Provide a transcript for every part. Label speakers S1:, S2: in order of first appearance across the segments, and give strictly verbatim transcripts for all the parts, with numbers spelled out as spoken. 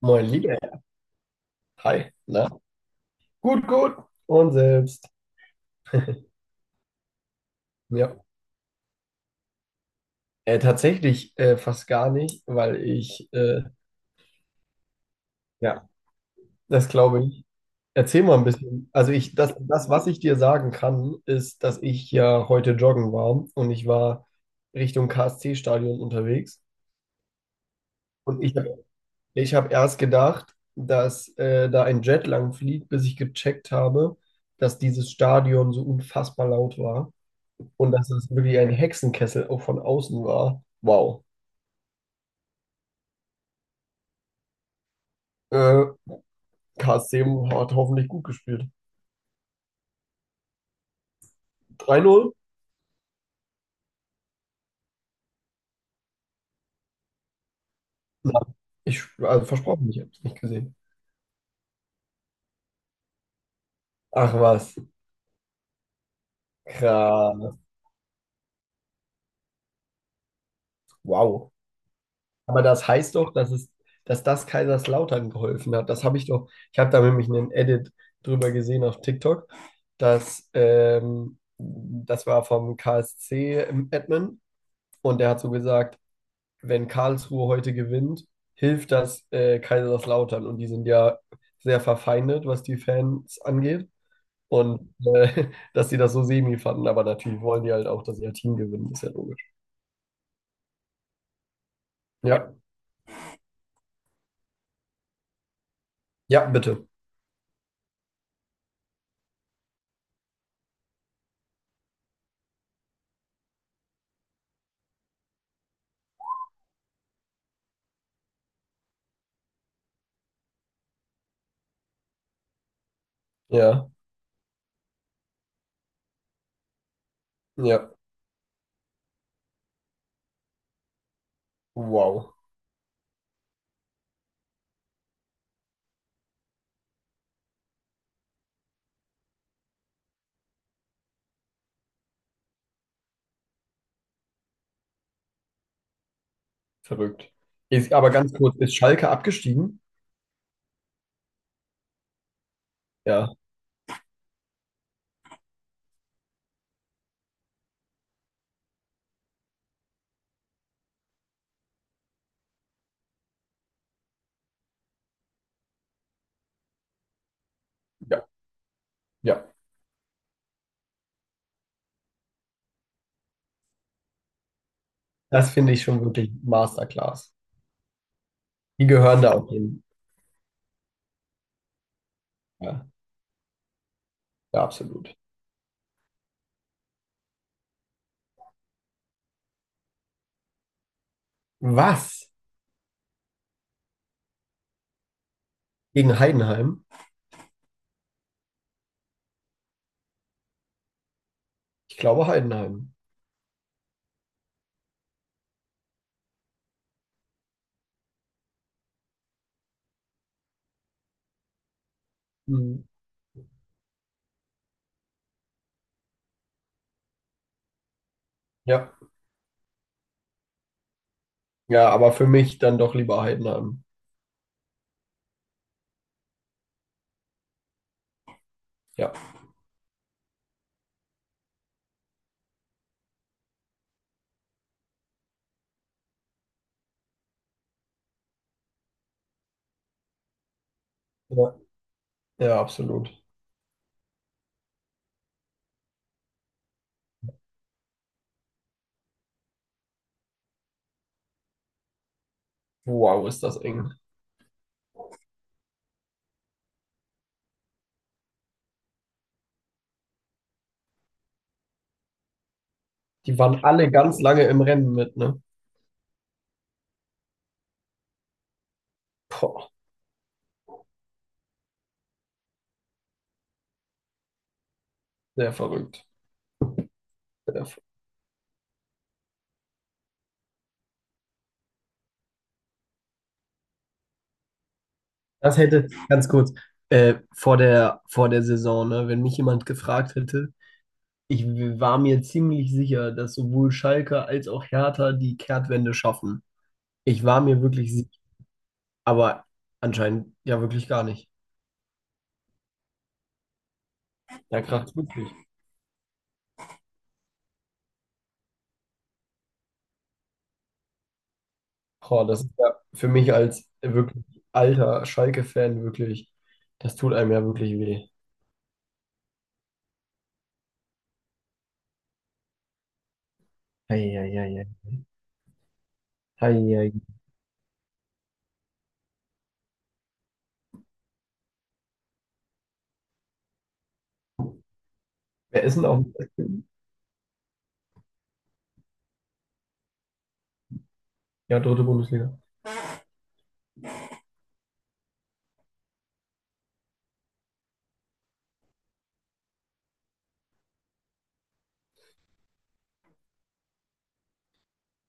S1: Moin, lieber Herr. Hi, na? Gut, gut. Und selbst. Ja, äh, tatsächlich äh, fast gar nicht, weil ich, äh, ja, das glaube ich. Erzähl mal ein bisschen. Also ich, das, das, was ich dir sagen kann, ist, dass ich ja heute joggen war und ich war Richtung K S C-Stadion unterwegs. Und ich, hab- Ich habe erst gedacht, dass äh, da ein Jet lang fliegt, bis ich gecheckt habe, dass dieses Stadion so unfassbar laut war. Und dass es wirklich ein Hexenkessel auch von außen war. Wow. Äh, K S C hat hoffentlich gut gespielt. drei null? Nein. Ich, also versprochen, ich habe es nicht gesehen. Ach was, krass. Wow. Aber das heißt doch, dass es, dass das Kaiserslautern geholfen hat. Das habe ich doch, ich habe da nämlich einen Edit drüber gesehen auf TikTok, dass ähm, das war vom K S C in Edmund und der hat so gesagt, wenn Karlsruhe heute gewinnt, hilft das äh, Kaiserslautern. Und die sind ja sehr verfeindet, was die Fans angeht. Und äh, dass sie das so semi fanden. Aber natürlich wollen die halt auch, dass ihr Team gewinnt, ist ja logisch. Ja, ja, bitte. Ja, ja. Wow, verrückt. Ist, aber ganz kurz, ist Schalke abgestiegen? Ja, ja, ja. Das finde ich schon wirklich Masterclass. Die gehören da auch hin. Ja, ja, absolut. Was? Gegen Heidenheim? Ich glaube Heidenheim. Mhm. Ja. Ja, aber für mich dann doch lieber Heidenheim. Ja, ja, ja, absolut. Wow, ist das eng. Die waren alle ganz lange im Rennen mit, ne? Boah, sehr verrückt. Sehr ver- Das hätte, ganz kurz, äh, vor der, vor der Saison, ne, wenn mich jemand gefragt hätte, ich w- war mir ziemlich sicher, dass sowohl Schalke als auch Hertha die Kehrtwende schaffen. Ich war mir wirklich sicher, aber anscheinend ja wirklich gar nicht. Ja, krass, boah, das ist ja für mich als wirklich alter Schalke-Fan wirklich, das tut einem ja wirklich weh. Eieiei. Eieiei. Wer ist denn auf? Ja, dritte Bundesliga. Auf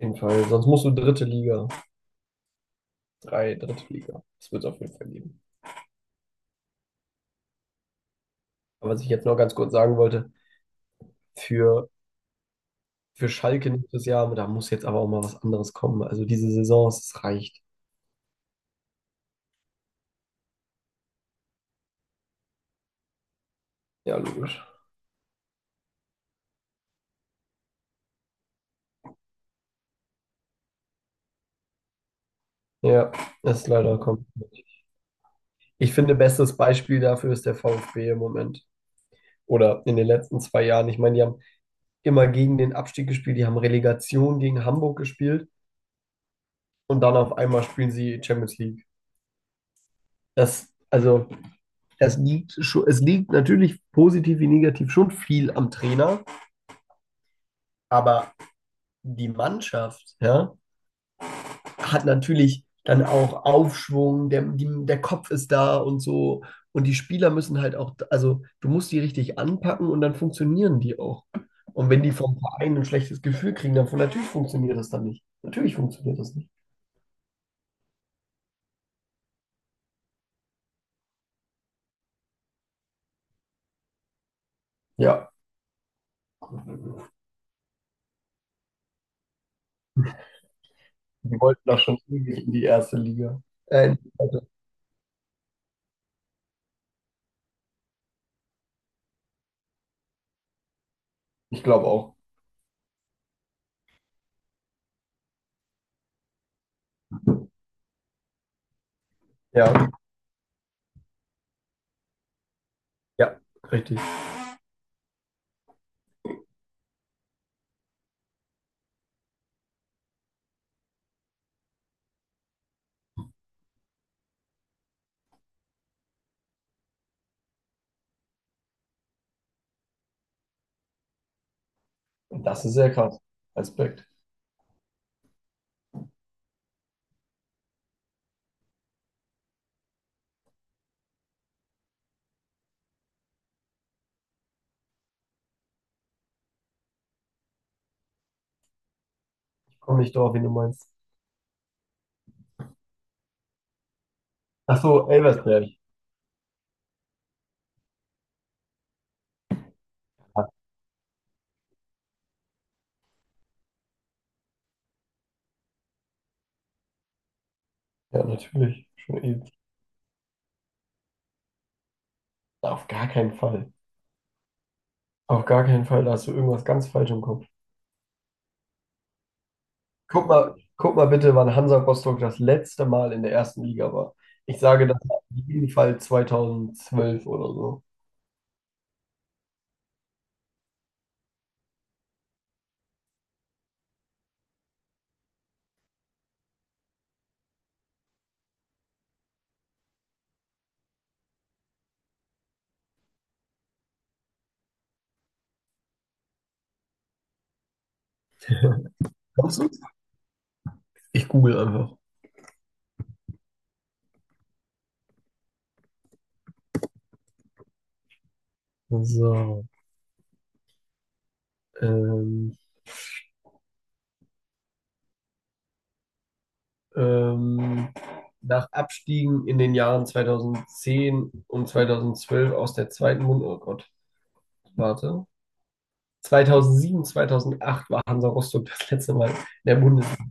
S1: jeden Fall. Sonst musst du dritte Liga. Drei, dritte Liga. Das wird es auf jeden Fall geben. Aber was ich jetzt noch ganz kurz sagen wollte, für, für Schalke nächstes Jahr, da muss jetzt aber auch mal was anderes kommen. Also diese Saison, es reicht. Ja, logisch. Ja, das ist leider kommt. Ich finde, bestes Beispiel dafür ist der VfB im Moment. Oder in den letzten zwei Jahren. Ich meine, die haben immer gegen den Abstieg gespielt. Die haben Relegation gegen Hamburg gespielt und dann auf einmal spielen sie Champions League. Das, also, das liegt schon, es liegt natürlich positiv wie negativ schon viel am Trainer, aber die Mannschaft, ja, hat natürlich dann auch Aufschwung, der, die, der Kopf ist da und so. Und die Spieler müssen halt auch, also du musst die richtig anpacken und dann funktionieren die auch. Und wenn die vom Verein ein schlechtes Gefühl kriegen, dann von natürlich funktioniert das dann nicht. Natürlich funktioniert das nicht. Ja, die wollten doch schon ewig in die erste Liga. Äh, ich glaube auch. Ja, ja, richtig. Und das ist sehr krass. Respekt. Ich komme nicht drauf, wen du meinst. Ach so, Elversberg. Ja, ja, natürlich. Schon ewig. Auf gar keinen Fall. Auf gar keinen Fall. Da hast du irgendwas ganz falsch im Kopf. Guck mal, guck mal bitte, wann Hansa Rostock das letzte Mal in der ersten Liga war. Ich sage, das war auf jeden Fall zweitausendzwölf oder so. Kommst du? Ich google einfach. So, ähm. ähm, nach Abstiegen in den Jahren zweitausendzehn und zweitausendzwölf aus der zweiten Bund, oh Gott, warte. zweitausendsieben, zweitausendacht war Hansa Rostock das letzte Mal in der Bundesliga.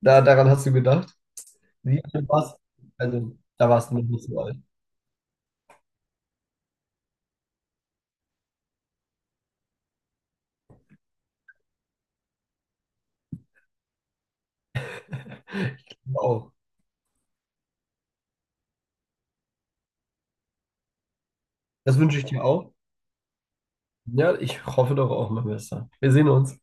S1: Da, daran hast du gedacht? Siehst du. Also, da warst du noch nicht so alt. Ich glaube auch. Das wünsche ich dir auch. Ja, ich hoffe doch auch, mein Bester. Wir sehen uns.